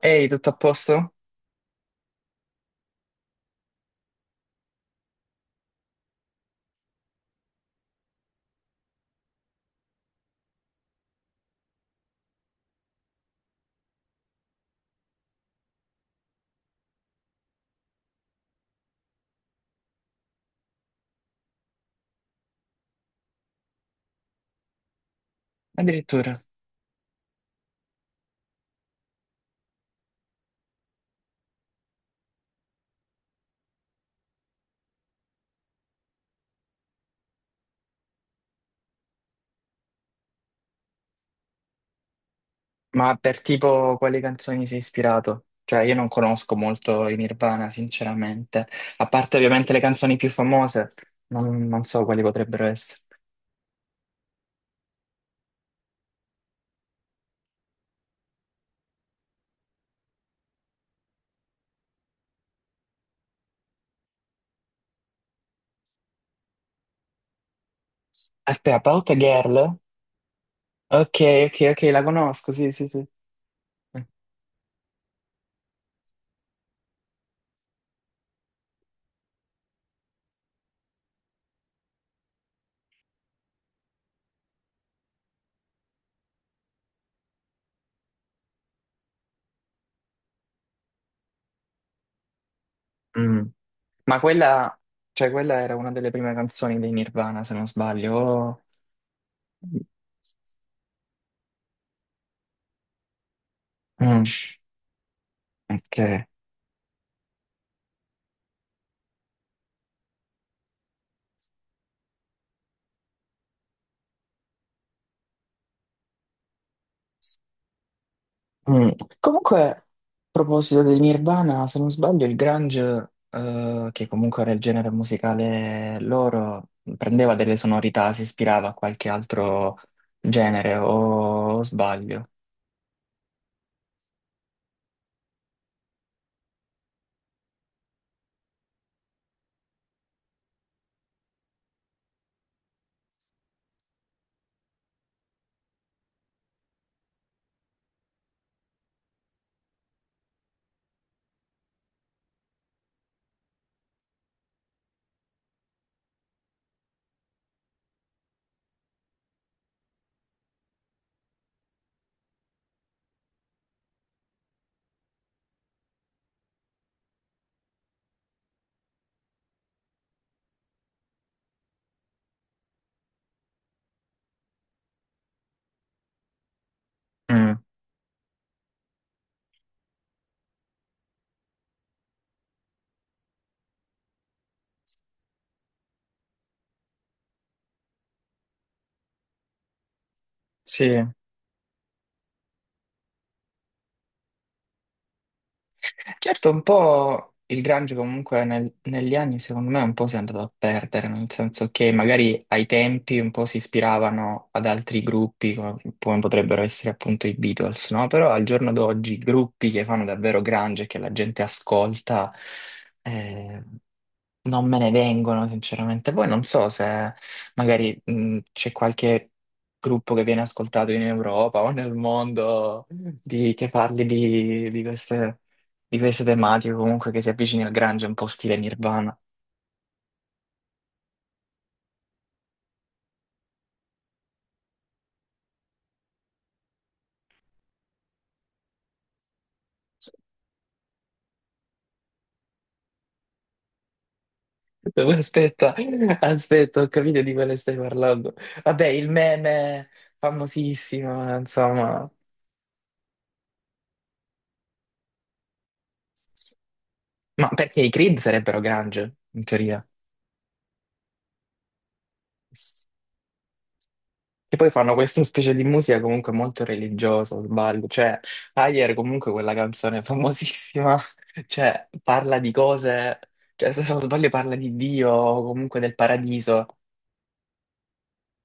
Ehi, tutto a posto? Addirittura. Ma per tipo quali canzoni sei ispirato? Cioè, io non conosco molto i Nirvana, sinceramente. A parte ovviamente le canzoni più famose, non so quali potrebbero essere. Aspetta, About a Girl? Ok, ok, ok, la conosco, sì, sì, sì. Mm. Mm. Ma quella, cioè, quella era una delle prime canzoni dei Nirvana, se non sbaglio. Oh. Mm. Ok. Mm. Comunque, a proposito di Nirvana, se non sbaglio, il grunge, che comunque era il genere musicale loro, prendeva delle sonorità, si ispirava a qualche altro genere, o sbaglio? Mm. Sì. Certo, un po' il grunge comunque negli anni secondo me un po' si è andato a perdere, nel senso che magari ai tempi un po' si ispiravano ad altri gruppi come, come potrebbero essere appunto i Beatles, no? Però al giorno d'oggi gruppi che fanno davvero grunge e che la gente ascolta eh, non me ne vengono, sinceramente. Poi non so se magari c'è qualche gruppo che viene ascoltato in Europa o nel mondo che parli di queste tematiche, comunque che si avvicini al grunge, un po' stile Nirvana. Aspetta, ho capito di quale stai parlando. Vabbè, il meme famosissimo, insomma. Ma perché i Creed sarebbero grunge, in teoria? Che poi fanno questa specie di musica comunque molto religiosa, o sbaglio. Cioè, Higher comunque quella canzone famosissima, cioè, parla di cose, cioè, se non sbaglio parla di Dio o comunque del paradiso.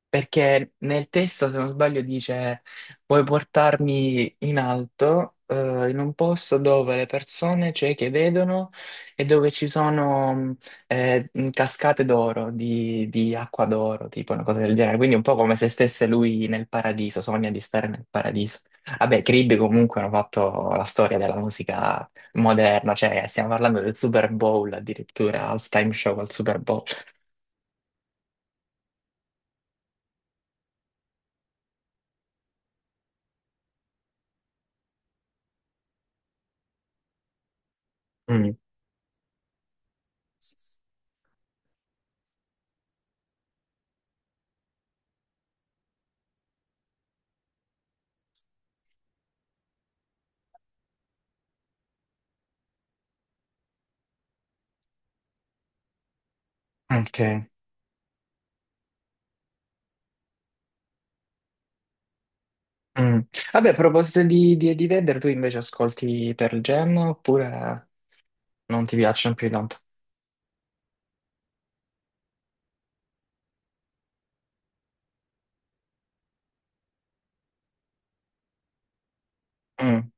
Perché nel testo, se non sbaglio, dice: puoi portarmi in alto, in un posto dove le persone cieche vedono e dove ci sono cascate d'oro, di acqua d'oro, tipo una cosa del genere. Quindi, un po' come se stesse lui nel paradiso, sogna di stare nel paradiso. Vabbè, Creed comunque hanno fatto la storia della musica moderna, cioè stiamo parlando del Super Bowl, addirittura, halftime show al Super Bowl. Mm. Ok. Mm. Vabbè, a proposito di Eddie Vedder, tu invece ascolti Pearl Jam oppure non ti piacciono più di tanto? Mm,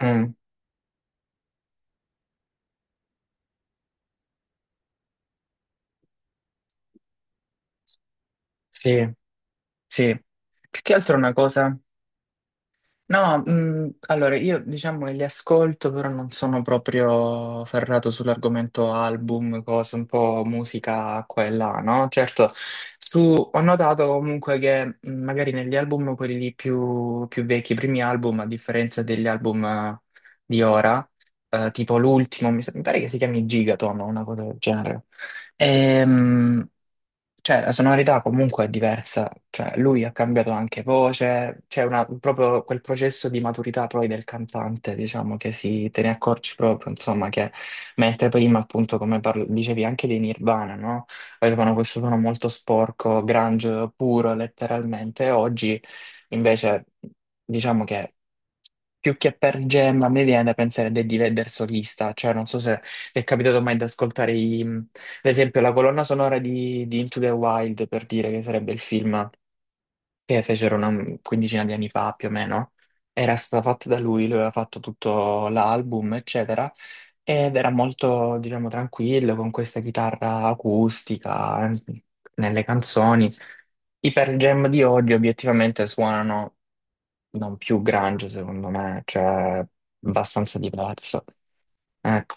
mm, sì, sì. Più che altro è una cosa. No, allora io diciamo che li ascolto, però non sono proprio ferrato sull'argomento album, cose un po' musica qua e là, no? Certo, ho notato comunque che magari negli album, quelli lì più, più vecchi, i primi album, a differenza degli album di ora, tipo l'ultimo, mi pare che si chiami Gigaton o una cosa del genere. Ehm, cioè, la sonorità comunque è diversa, cioè lui ha cambiato anche voce, proprio quel processo di maturità poi del cantante, diciamo, che si, te ne accorgi proprio, insomma, che mentre prima appunto, come dicevi, anche dei Nirvana, no? Avevano questo suono molto sporco, grunge puro, letteralmente, oggi invece diciamo che più che per Gem a me viene da pensare a Eddie Vedder solista, cioè non so è capitato mai di ascoltare, ad esempio, la colonna sonora di Into the Wild, per dire che sarebbe il film che fecero una quindicina di anni fa, più o meno. Era stata fatta da lui, lui aveva fatto tutto l'album, eccetera, ed era molto, diciamo, tranquillo, con questa chitarra acustica, nelle canzoni. I Pearl Jam di oggi obiettivamente suonano non più grunge, secondo me, cioè abbastanza diverso. Ecco.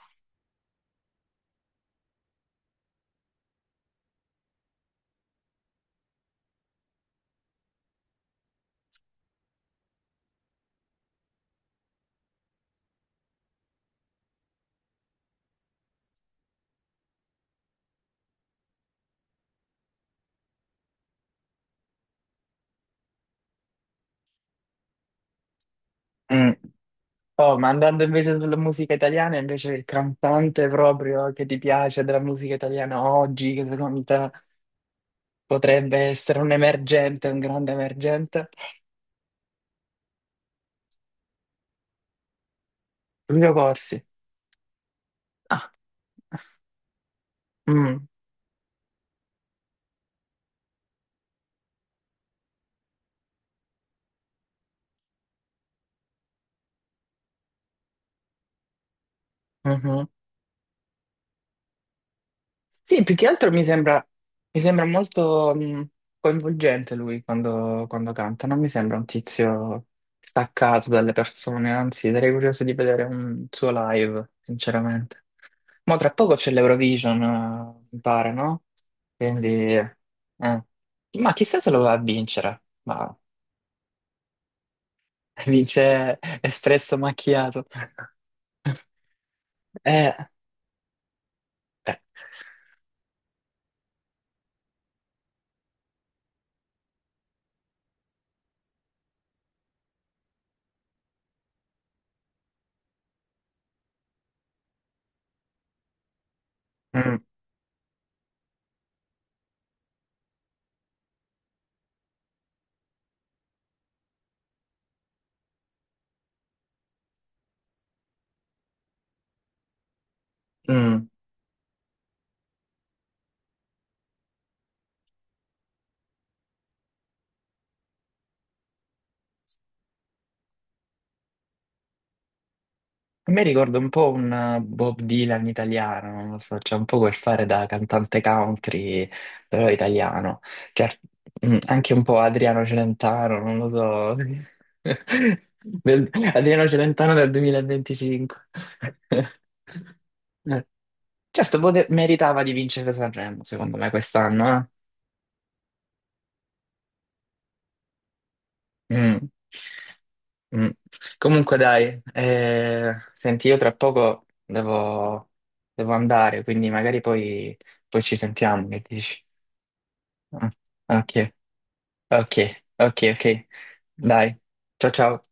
Mm. Oh, ma andando invece sulla musica italiana, invece il cantante proprio che ti piace della musica italiana oggi, che secondo te potrebbe essere un emergente, un grande emergente. Lucio Corsi. Ah, mm, mhm. Sì, più che altro mi sembra molto mm, coinvolgente lui quando, quando canta, non mi sembra un tizio staccato dalle persone, anzi sarei curioso di vedere un suo live, sinceramente. Ma tra poco c'è l'Eurovision, mi pare, no? Quindi, eh. Ma chissà se lo va a vincere. Ma vince Espresso Macchiato. Eh. Eh. Mm. Mm. A me ricorda un po' un Bob Dylan italiano, non lo so, c'è un po' quel fare da cantante country, però italiano. Cioè, mm, anche un po' Adriano Celentano, non lo so. Adriano Celentano del 2025. Certo, meritava di vincere Sanremo, secondo me, quest'anno, eh. Mm. Mm. Comunque dai, senti, io tra poco devo, devo andare, quindi magari poi, poi ci sentiamo, che dici? Ah, ok, ok, ok, ok. Dai, ciao ciao.